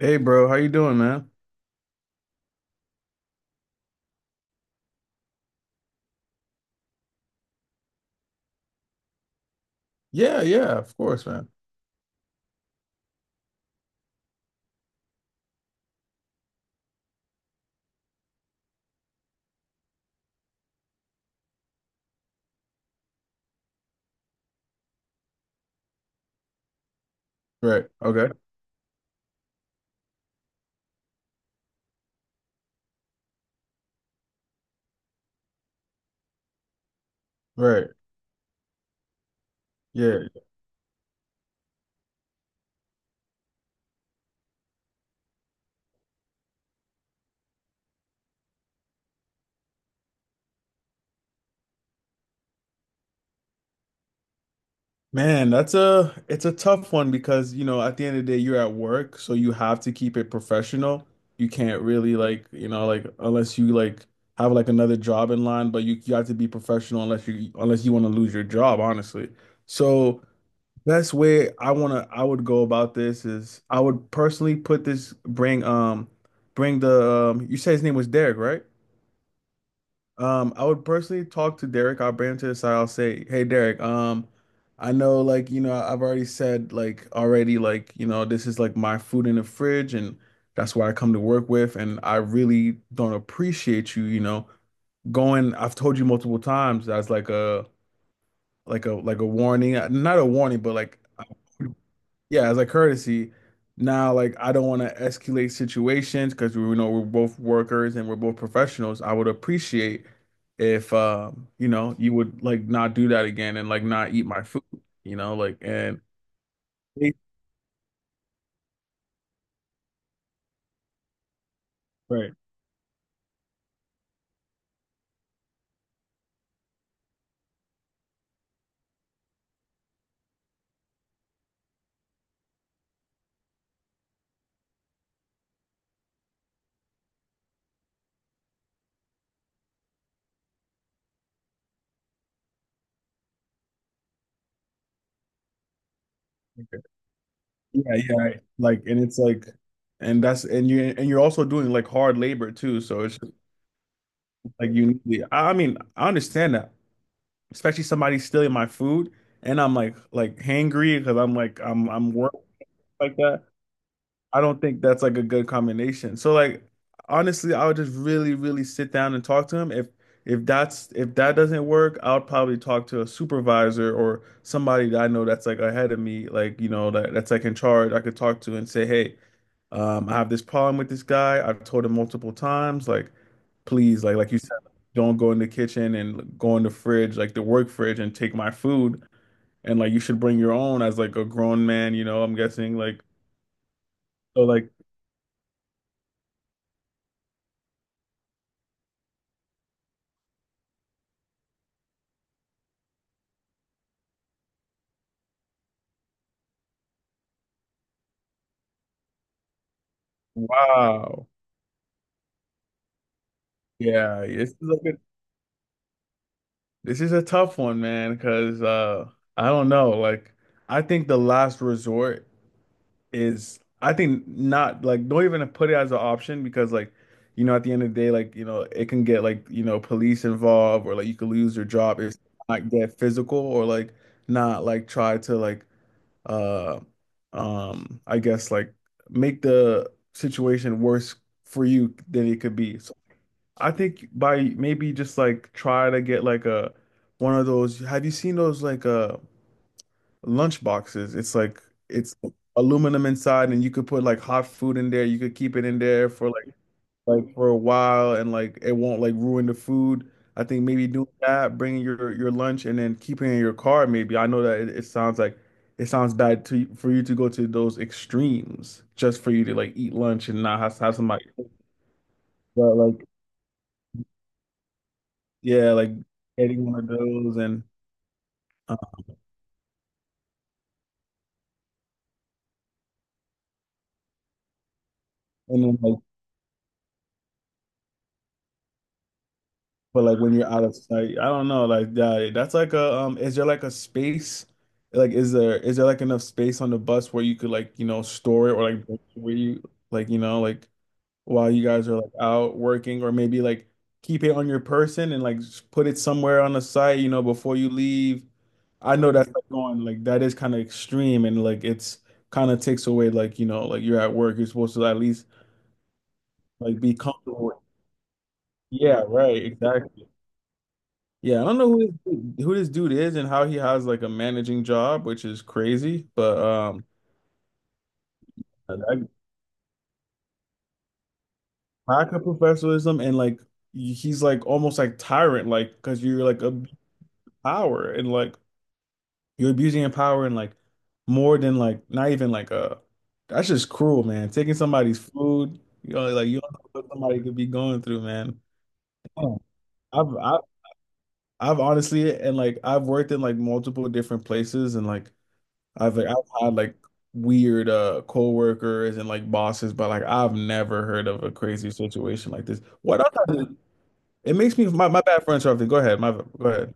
Hey bro, how you doing, man? Yeah, yeah, of course, man. Right. Okay. Right. Yeah. Man, that's a it's a tough one because, you know, at the end of the day you're at work, so you have to keep it professional. You can't really like, you know, like unless you like have like another job in line, but you have to be professional unless you want to lose your job, honestly. So, best way I want to I would go about this is I would personally put this bring bring the you said his name was Derek, right? I would personally talk to Derek. I'll bring him to the side. I'll say, "Hey, Derek. I know, like, you know, I've already said, like, already, like, you know, this is like my food in the fridge, and that's what I come to work with. And I really don't appreciate you, you know, going. I've told you multiple times. That's like a, like a, like a warning. Not a warning, but like." Yeah, as a courtesy. Now, like, I don't want to escalate situations because we know we're both workers and we're both professionals. I would appreciate if, you know, you would like not do that again and like not eat my food, you know, like, and right. Yeah, yeah, right. Like, and it's like, and you, and you're also doing like hard labor too. So it's just like, you need, I mean, I understand that, especially somebody stealing my food. And I'm like hangry because I'm like, I'm working like that. I don't think that's like a good combination. So like honestly, I would just really, really sit down and talk to him. If that's if that doesn't work, I'll probably talk to a supervisor or somebody that I know that's like ahead of me, like you know that's like in charge. I could talk to and say, hey, I have this problem with this guy. I've told him multiple times, like please, like you said, don't go in the kitchen and go in the fridge, like the work fridge, and take my food. And like you should bring your own as like a grown man, you know. I'm guessing like so like. Wow. Yeah, this is like a good, this is a tough one, man, because I don't know. Like I think the last resort is I think not like don't even put it as an option because like you know at the end of the day like you know it can get like you know police involved or like you could lose your job if not get physical or like not like try to like uh I guess like make the situation worse for you than it could be. So I think by maybe just like try to get like a one of those. Have you seen those like lunch boxes? It's like it's aluminum inside, and you could put like hot food in there. You could keep it in there for like for a while, and like it won't like ruin the food. I think maybe doing that, bringing your lunch, and then keeping it in your car. Maybe I know it sounds like it sounds bad to for you to go to those extremes just for you to like eat lunch and not have somebody. But like yeah, like getting one of those uh, and then like but like when you're out of sight, I don't know, like that's like a is there like a space? Like is there like enough space on the bus where you could like, you know, store it or like where you like, you know, like while you guys are like out working or maybe like keep it on your person and like put it somewhere on the site, you know, before you leave. I know that's like going like that is kind of extreme and like it's kind of takes away like, you know, like you're at work, you're supposed to at least like be comfortable. Yeah, right, exactly. Yeah, I don't know who this dude is and how he has like a managing job, which is crazy. But I, lack of professionalism and like he's like almost like tyrant, like because you're like a power and like you're abusing your power and like more than like not even like a that's just cruel, man. Taking somebody's food, you know, like you don't know what somebody could be going through, man. Damn. I've I've I've honestly and like I've worked in like multiple different places and like. I've had like weird coworkers and like bosses, but like I've never heard of a crazy situation like this. What other it makes me my bad friend Charlie. Go ahead. My go ahead.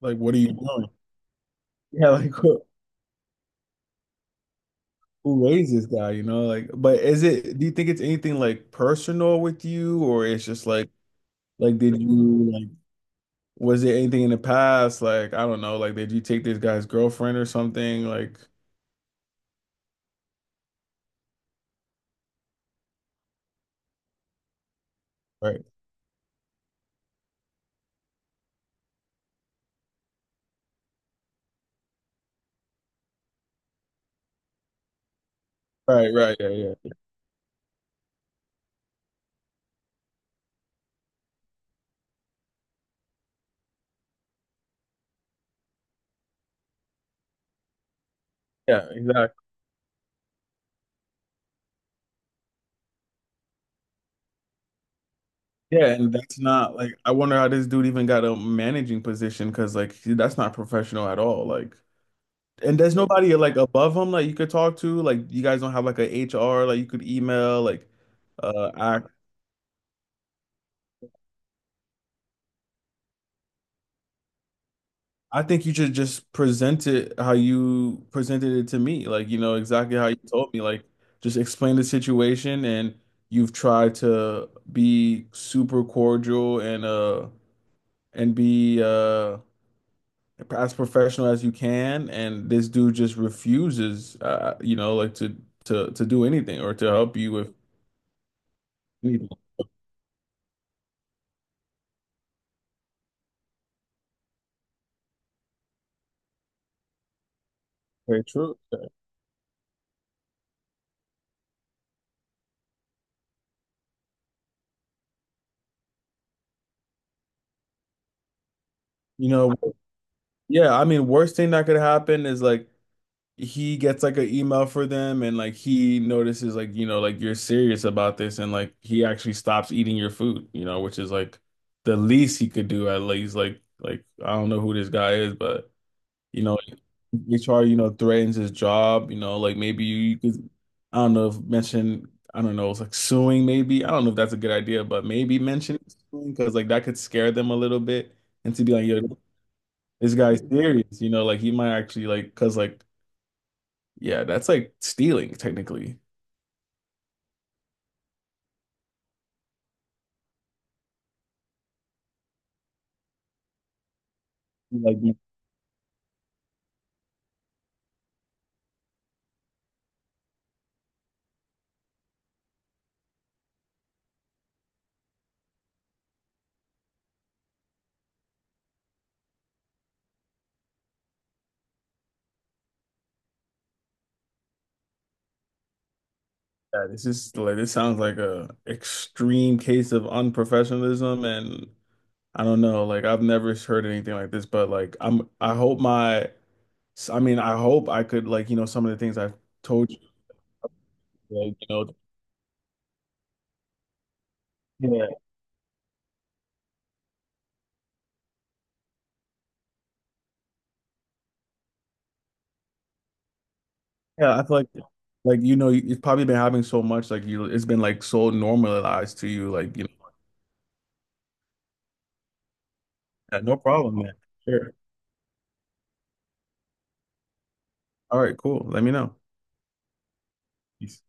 Like what are you doing? Yeah, like who raised this guy, you know? Like but is it do you think it's anything like personal with you or it's just like did you like was there anything in the past? Like, I don't know, like did you take this guy's girlfriend or something? Like right, right, yeah, yeah. Yeah, exactly. Yeah, and that's not like I wonder how this dude even got a managing position because like that's not professional at all. Like, and there's nobody like above him like you could talk to. Like, you guys don't have like a HR like you could email. Like, uh, I I think you should just present it how you presented it to me. Like, you know exactly how you told me. Like, just explain the situation and you've tried to be super cordial and be as professional as you can, and this dude just refuses, you know, like to do anything or to help you with anything. Very true. You know, yeah, I mean, worst thing that could happen is like he gets like an email for them, and like he notices like you know like you're serious about this, and like he actually stops eating your food, you know, which is like the least he could do at least. Like I don't know who this guy is, but. You know, HR, you know, threatens his job, you know, like maybe you could, I don't know, if mention, I don't know, it's like suing maybe. I don't know if that's a good idea, but maybe mention suing because like that could scare them a little bit and to be like, yo, this guy's serious, you know, like he might actually like, because like, yeah, that's like stealing technically. Like, yeah, this is like, this sounds like a extreme case of unprofessionalism and I don't know, like I've never heard anything like this, but like I hope so, I mean, I hope I could like, you know, some of the things I've told you, like, you know, yeah, yeah, I feel like you know, you've probably been having so much, like you it's been like so normalized to you, like, you know, yeah, no problem, man. Sure. All right, cool. Let me know. Peace.